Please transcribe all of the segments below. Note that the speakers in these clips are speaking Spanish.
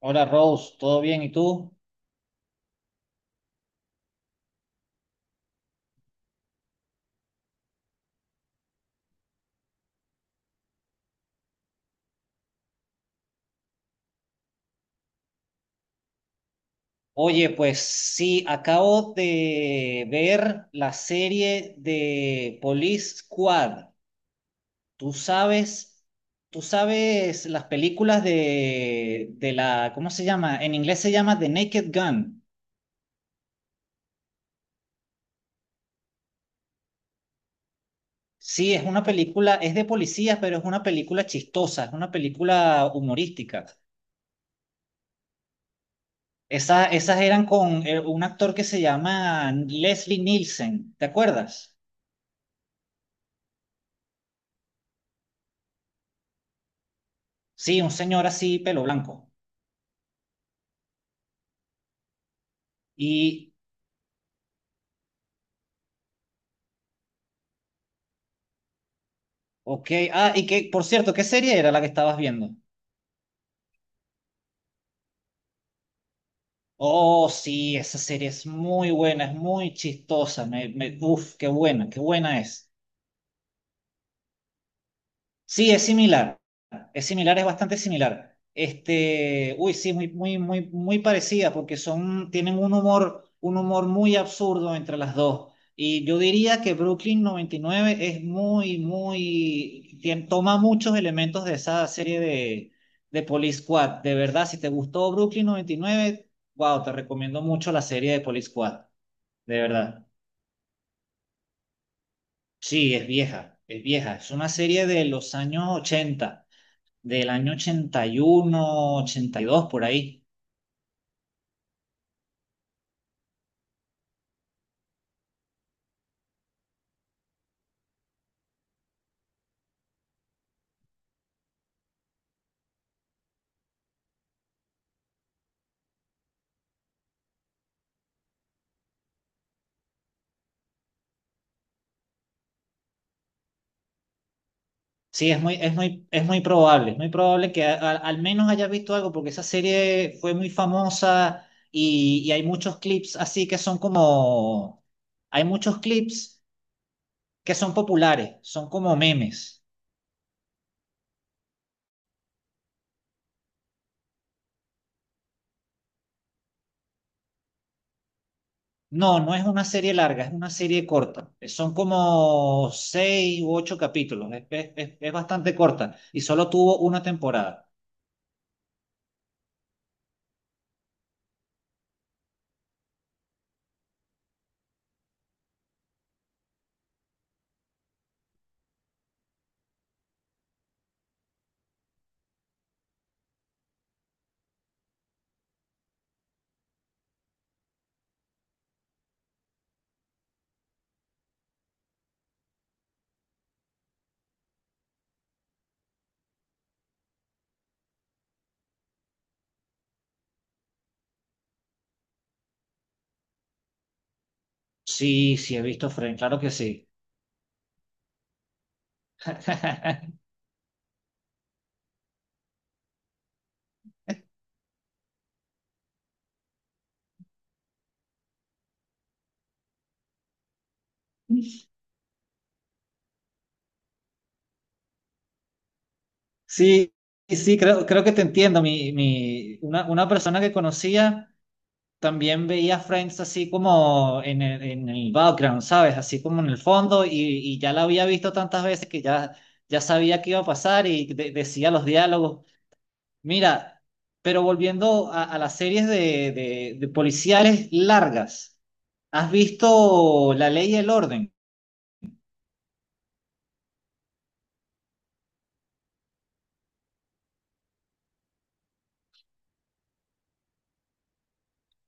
Hola Rose, ¿todo bien? ¿Y tú? Oye, pues sí, acabo de ver la serie de Police Squad. Tú sabes, tú sabes las películas de la, ¿cómo se llama? En inglés se llama The Naked Gun. Sí, es una película, es de policías, pero es una película chistosa, es una película humorística. Esas eran con un actor que se llama Leslie Nielsen, ¿te acuerdas? Sí, un señor así, pelo blanco. Y, ok, y que, por cierto, ¿qué serie era la que estabas viendo? Oh, sí, esa serie es muy buena, es muy chistosa, uf, qué buena es. Sí, es similar. Es similar, es bastante similar. Este, uy, sí, muy, muy, muy, muy parecida, porque son, tienen un humor muy absurdo entre las dos. Y yo diría que Brooklyn 99 es muy, toma muchos elementos de esa serie de Police Squad. De verdad, si te gustó Brooklyn 99, wow, te recomiendo mucho la serie de Police Squad. De verdad. Sí, es vieja, es vieja. Es una serie de los años 80. Del año ochenta, ochenta y uno, ochenta y dos, por ahí. Sí, es muy probable que al menos hayas visto algo, porque esa serie fue muy famosa y hay muchos clips así que son como, hay muchos clips que son populares, son como memes. No, no es una serie larga, es una serie corta. Son como seis u ocho capítulos, es bastante corta y solo tuvo una temporada. Sí, sí, he visto Friends, claro que sí. Sí, sí, creo que te entiendo. Una persona que conocía también veía Friends así como en el background, ¿sabes? Así como en el fondo y ya la había visto tantas veces que ya, ya sabía qué iba a pasar y decía los diálogos. Mira, pero volviendo a las series de policiales largas, ¿has visto La Ley y el Orden?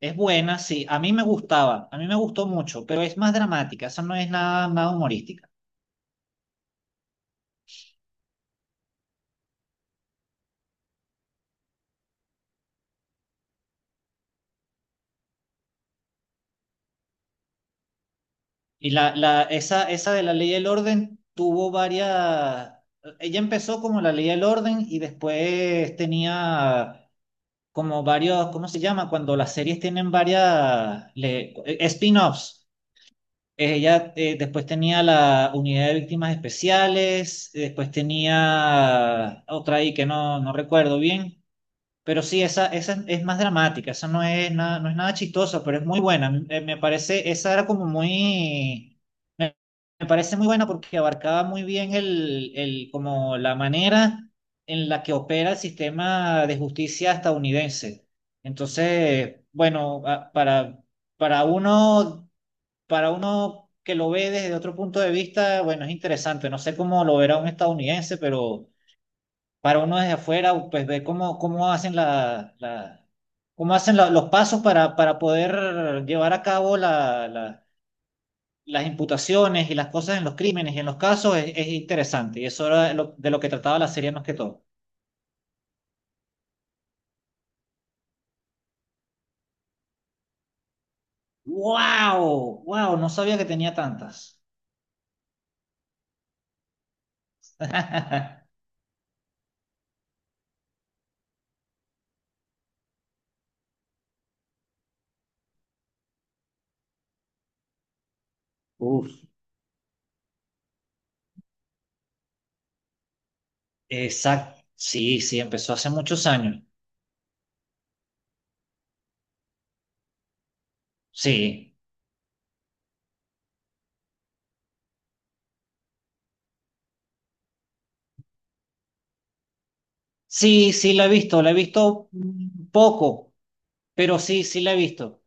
Es buena, sí. A mí me gustaba, a mí me gustó mucho, pero es más dramática, eso no es nada, nada humorística. Y esa de la ley del orden tuvo varias. Ella empezó como la ley del orden y después tenía como varios, ¿cómo se llama? Cuando las series tienen varias spin-offs. Ella, después tenía la unidad de víctimas especiales. Después tenía otra ahí que no recuerdo bien. Pero sí, esa es más dramática, esa no es nada, no es nada chistosa, pero es muy buena. A mí, me parece, esa era como muy, me, me parece muy buena porque abarcaba muy bien como la manera en la que opera el sistema de justicia estadounidense. Entonces, bueno, para uno, para uno que lo ve desde otro punto de vista, bueno, es interesante. No sé cómo lo verá un estadounidense, pero para uno desde afuera, pues ver cómo hacen los pasos para poder llevar a cabo las imputaciones y las cosas en los crímenes y en los casos es interesante. Y eso era de lo que trataba la serie más que todo. ¡Wow! ¡Wow! No sabía que tenía tantas. Uf, exacto. Sí, sí, empezó hace muchos años. Sí. Sí, sí, la he visto, la he visto, poco, pero sí, sí la he visto.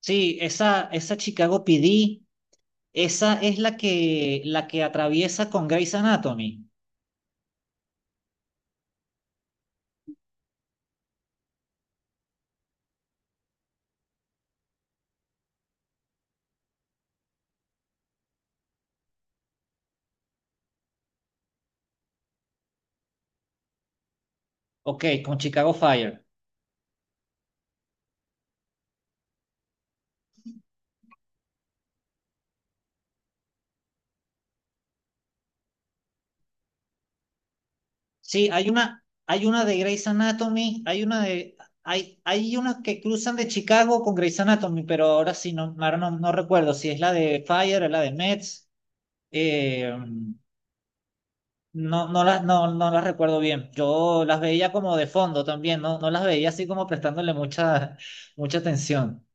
Sí, esa Chicago PD, esa es la que atraviesa con Grey's Anatomy. Ok, con Chicago Fire. Sí, hay una de Grey's Anatomy, hay una que cruzan de Chicago con Grey's Anatomy, pero ahora sí, no, ahora no recuerdo si es la de Fire o la de Mets. eh, no las recuerdo bien. Yo las veía como de fondo también, no las veía así como prestándole mucha atención.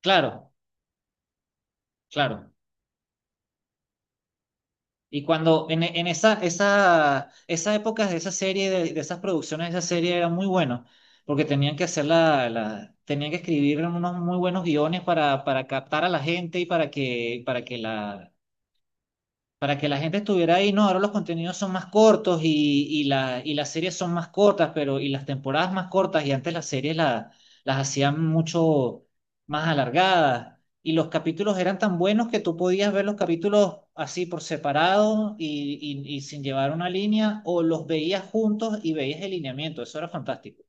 Claro, claro. Y cuando en esa, esas épocas de esa serie, de esas producciones de esa serie era muy bueno, porque tenían que hacer tenían que escribir unos muy buenos guiones para captar a la gente y para que la gente estuviera ahí. No, ahora los contenidos son más cortos y las series son más cortas, pero y las temporadas más cortas, y antes las series las hacían mucho más alargadas. Y los capítulos eran tan buenos que tú podías ver los capítulos así por separado y sin llevar una línea, o los veías juntos y veías el lineamiento. Eso era fantástico.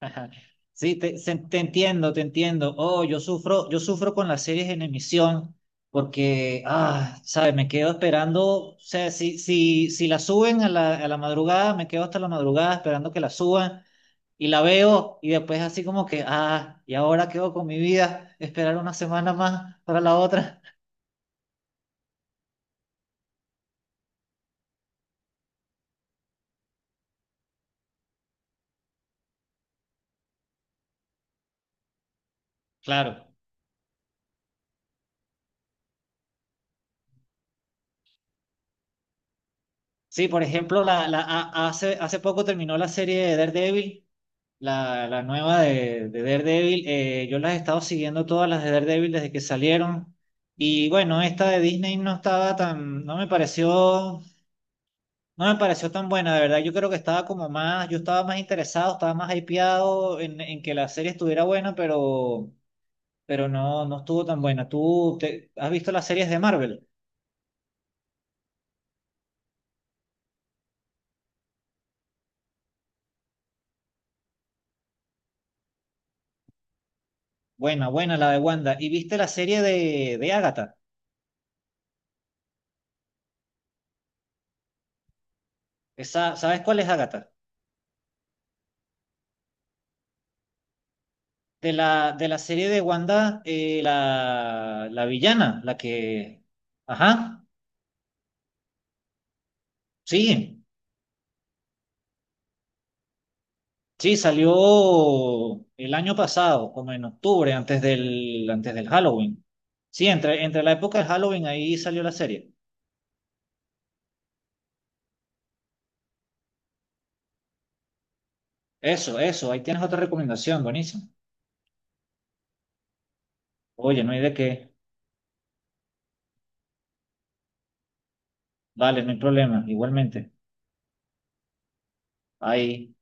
Ajá. Sí, te entiendo, te entiendo. Oh, yo sufro con las series en emisión porque, sabes, me quedo esperando, o sea, si la suben a la madrugada, me quedo hasta la madrugada esperando que la suban y la veo y después así como que, y ahora quedo con mi vida, esperar una semana más para la otra. Claro. Sí, por ejemplo, hace poco terminó la serie de Daredevil. La nueva de Daredevil, yo las he estado siguiendo todas las de Daredevil desde que salieron. Y bueno, esta de Disney no estaba tan, no me pareció tan buena, de verdad. Yo creo que estaba como más, yo estaba más interesado, estaba más hypeado en que la serie estuviera buena, pero no estuvo tan buena. ¿Tú has visto las series de Marvel? Buena, buena la de Wanda. ¿Y viste la serie de Agatha? Esa, ¿sabes cuál es Agatha? De la serie de Wanda, la villana, la que. Ajá, sí, sí, salió el año pasado, como en octubre, antes del Halloween. Sí, entre la época del Halloween ahí salió la serie. Eso, ahí tienes otra recomendación, buenísimo. Oye, no hay de qué. Vale, no hay problema, igualmente. Ahí.